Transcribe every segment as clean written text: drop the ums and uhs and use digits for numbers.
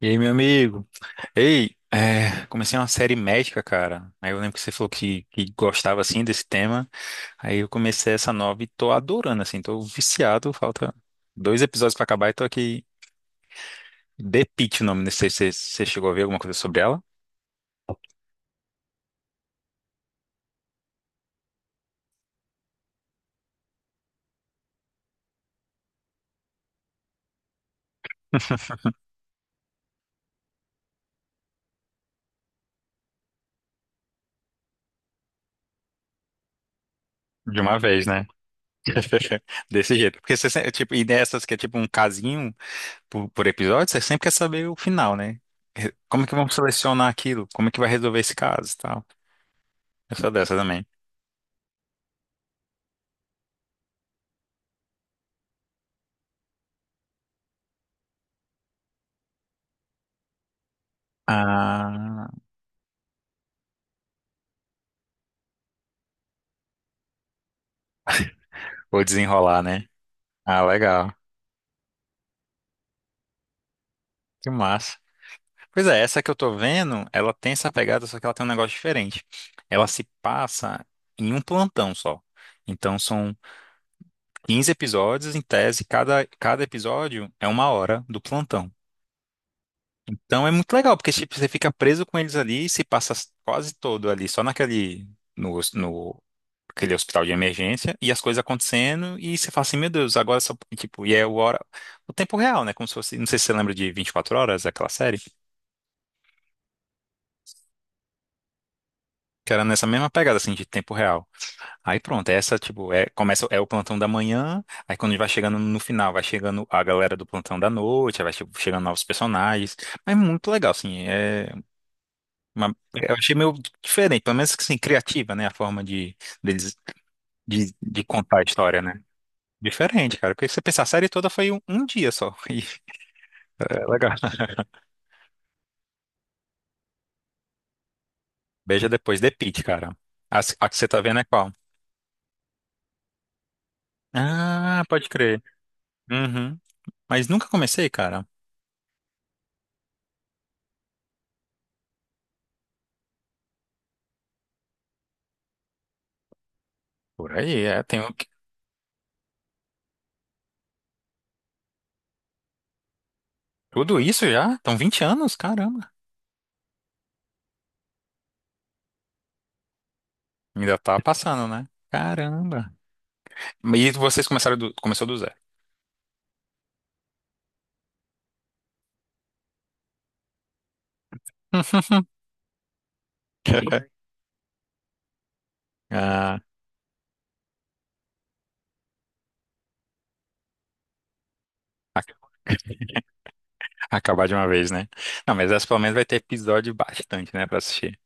E aí, meu amigo? Comecei uma série médica, cara. Aí eu lembro que você falou que gostava, assim, desse tema. Aí eu comecei essa nova e tô adorando, assim. Tô viciado, falta dois episódios pra acabar e tô aqui. The Pitt, o nome. Não sei se você chegou a ver alguma coisa sobre ela. De uma vez, né? Desse jeito. Porque você, tipo, e dessas que é tipo um casinho por episódio, você sempre quer saber o final, né? Como é que vamos selecionar aquilo? Como é que vai resolver esse caso e tal? Eu sou dessa também. Ah, vou desenrolar, né? Ah, legal. Que massa. Pois é, essa que eu tô vendo, ela tem essa pegada, só que ela tem um negócio diferente. Ela se passa em um plantão só. Então são 15 episódios, em tese, cada episódio é uma hora do plantão. Então é muito legal, porque tipo, você fica preso com eles ali e se passa quase todo ali, só naquele, no, no, aquele hospital de emergência, e as coisas acontecendo, e você fala assim, meu Deus, agora só, tipo, o tempo real, né? Como se fosse, não sei se você lembra de 24 horas, aquela série. Que era nessa mesma pegada, assim, de tempo real. Aí pronto, é essa, tipo, é, começa, é o plantão da manhã, aí quando vai chegando no final, vai chegando a galera do plantão da noite, aí chegando novos personagens. Mas é muito legal, assim, eu achei meio diferente, pelo menos, assim, criativa, né, a forma de, deles, de contar a história, né? Diferente, cara, porque se você pensar, a série toda foi um dia só. E é legal. Beija depois, The Pitt, cara. A que você tá vendo é qual? Ah, pode crer. Uhum. Mas nunca comecei, cara. Por aí, é. Tudo isso já? Estão 20 anos? Caramba. Ainda tá passando, né? Caramba. E vocês começaram começou do zero. Ah, a- acabar de uma vez, né? Não, mas essa pelo menos vai ter episódio bastante, né, pra assistir.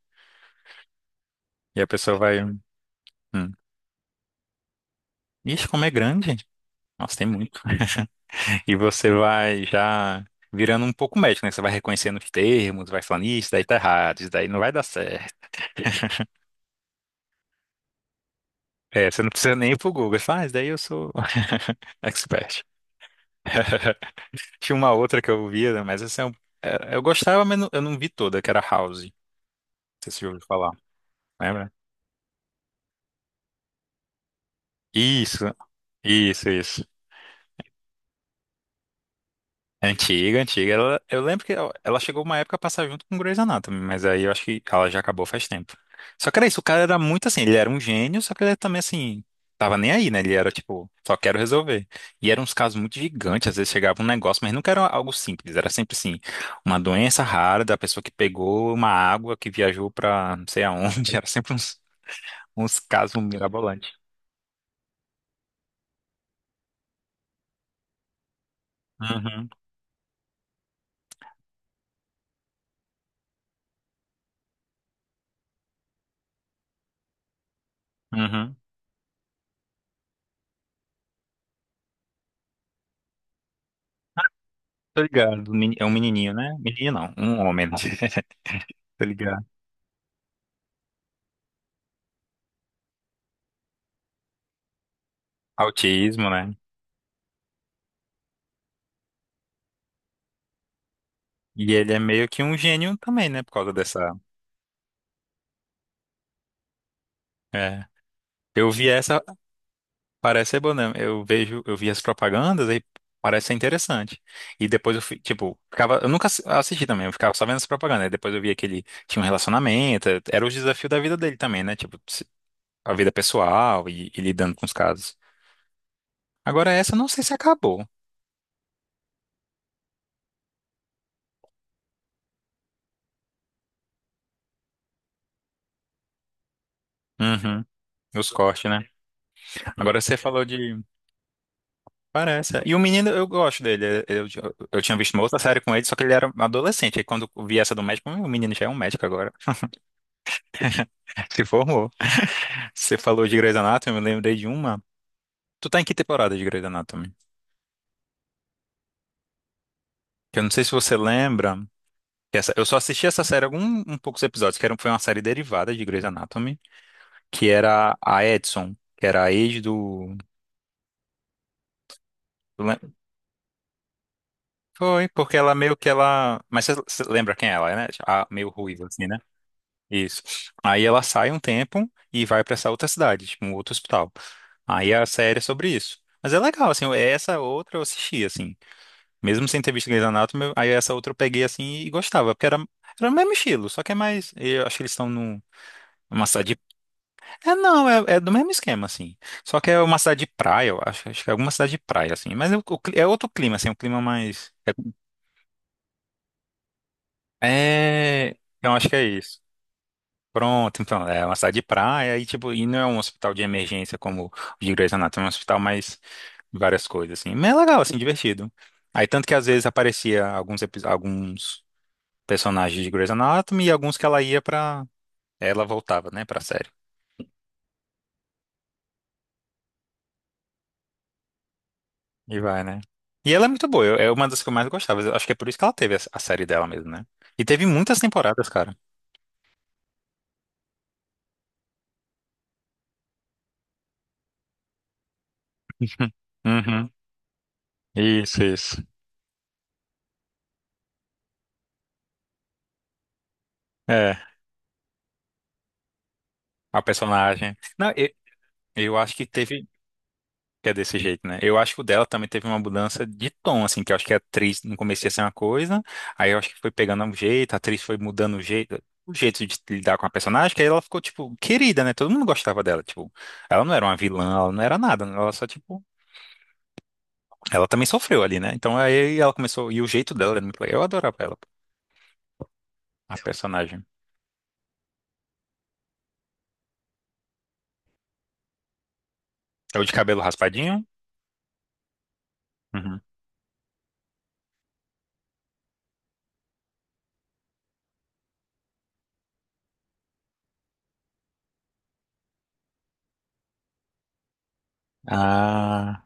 E a pessoa vai. Hum. Ixi, como é grande. Nossa, tem muito. E você vai já virando um pouco médico, né? Você vai reconhecendo os termos, vai falando, isso daí tá errado, isso daí não vai dar certo. É, você não precisa nem ir pro Google. Você fala, ah, isso daí eu sou expert. Tinha uma outra que eu via, né, é, eu gostava, eu não vi toda, que era House. Não sei se você já ouviu falar, lembra? Isso, isso. Antiga, antiga. Eu lembro que ela chegou uma época a passar junto com Grey's Anatomy, mas aí eu acho que ela já acabou faz tempo. Só que era isso, o cara era muito assim, ele era um gênio, só que ele era também assim, tava nem aí, né? Ele era tipo, só quero resolver. E eram uns casos muito gigantes, às vezes chegava um negócio, mas nunca era algo simples, era sempre assim, uma doença rara da pessoa que pegou uma água que viajou pra não sei aonde, era sempre uns, uns casos mirabolantes. Uhum, uhum. Ah, tô ligado. É um menininho, né? Menino não, um homem. Tô ligado. Autismo, né? E ele é meio que um gênio também, né? Por causa dessa. É. Eu vi essa, parece ser bom, né? Eu vi as propagandas aí parece ser interessante. E depois eu fui, tipo, ficava, eu nunca assi- assisti também, eu ficava só vendo as propagandas. Aí depois eu via que ele tinha um relacionamento, era o desafio da vida dele também, né? A vida pessoal e lidando com os casos. Agora essa eu não sei se acabou. Uhum. Os cortes, né? Agora você falou de parece. É. E o menino, eu gosto dele. Eu tinha visto uma outra série com ele, só que ele era adolescente. Aí quando eu vi essa do médico, o menino já é um médico agora. Se formou. Você falou de Grey's Anatomy, eu me lembrei de uma. Tu tá em que temporada de Grey's Anatomy? Que eu não sei se você lembra. Que essa, eu só assisti essa série algum um poucos episódios, que era, um, foi uma série derivada de Grey's Anatomy, que era a Edson, que era a ex do. do Lan- Foi, porque ela meio que ela. Mas você lembra quem ela é, né? A, meio ruiva, assim, né? Isso. Aí ela sai um tempo e vai pra essa outra cidade, tipo, um outro hospital. Aí a série é sobre isso. Mas é legal, assim, é essa outra eu assisti, assim. Mesmo sem ter visto Grey's Anatomy, eu- aí essa outra eu peguei, assim, e gostava, porque era, era o mesmo estilo, só que é mais. Eu acho que eles estão num- numa cidade. É, não, é, é do mesmo esquema, assim. Só que é uma cidade de praia, eu acho, acho que é alguma cidade de praia, assim. Mas é, é outro clima, assim, um clima mais. É. É, eu acho que é isso. Pronto, então, é uma cidade de praia e, tipo, e não é um hospital de emergência como o de Grey's Anatomy, é um hospital mais várias coisas, assim. Mas é legal, assim, divertido. Aí, tanto que às vezes aparecia alguns personagens de Grey's Anatomy e alguns que ela ia pra... Ela voltava, né, pra série. E vai, né? E ela é muito boa, é uma das que eu mais gostava. Eu acho que é por isso que ela teve a série dela mesmo, né? E teve muitas temporadas, cara. Uhum. Isso. É, a personagem. Não, eu acho que teve. Que é desse jeito, né? Eu acho que o dela também teve uma mudança de tom, assim, que eu acho que a atriz no começo ia ser uma coisa, aí eu acho que foi pegando um jeito, a atriz foi mudando o jeito de lidar com a personagem, que aí ela ficou, tipo, querida, né? Todo mundo gostava dela, tipo, ela não era uma vilã, ela não era nada, né? Ela só, tipo, ela também sofreu ali, né? Então aí ela começou, e o jeito dela era muito legal, eu adorava ela, a personagem. É o de cabelo raspadinho? Uhum. Ah.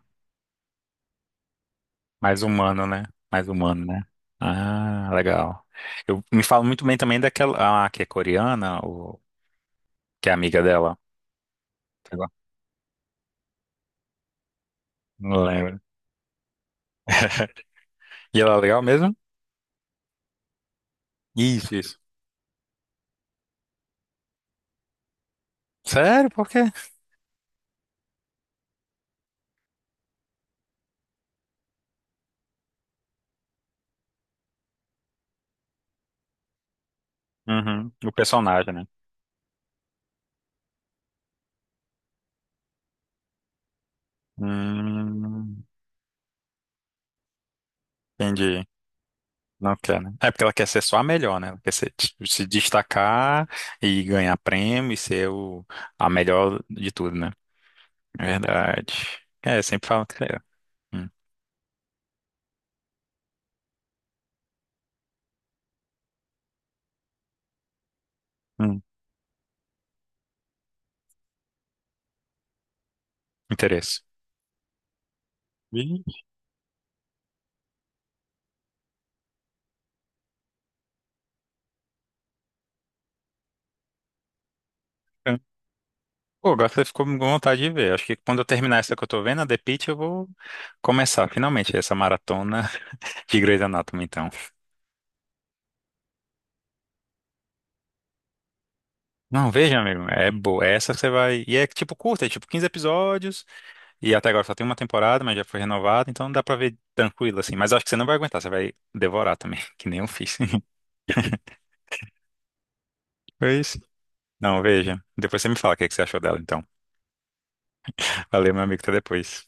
Mais humano, né? Mais humano, né? Ah, legal. Eu me falo muito bem também daquela, ah, que é coreana, o que é amiga dela. Sei lá. Não lembro. E ela é legal mesmo? Isso, isso. Sério? Por quê? Uhum. O personagem, né? Hum, entendi. Não quer, né? É porque ela quer ser só a melhor, né? Ela quer ser, tipo, se destacar e ganhar prêmio e ser o, a melhor de tudo, né? Verdade. É, eu sempre falo que é. Hum, hum, interesse. Ih. Pô, agora você ficou com vontade de ver. Acho que quando eu terminar essa que eu tô vendo, a The Pitt, eu vou começar finalmente essa maratona de Grey's Anatomy, então. Não, veja, amigo, é boa. Essa você vai. E é tipo curta, é tipo 15 episódios. E até agora só tem uma temporada, mas já foi renovada, então dá pra ver tranquilo, assim. Mas eu acho que você não vai aguentar, você vai devorar também, que nem eu fiz. Foi isso. Não, veja. Depois você me fala o que que você achou dela, então. Valeu, meu amigo, até depois.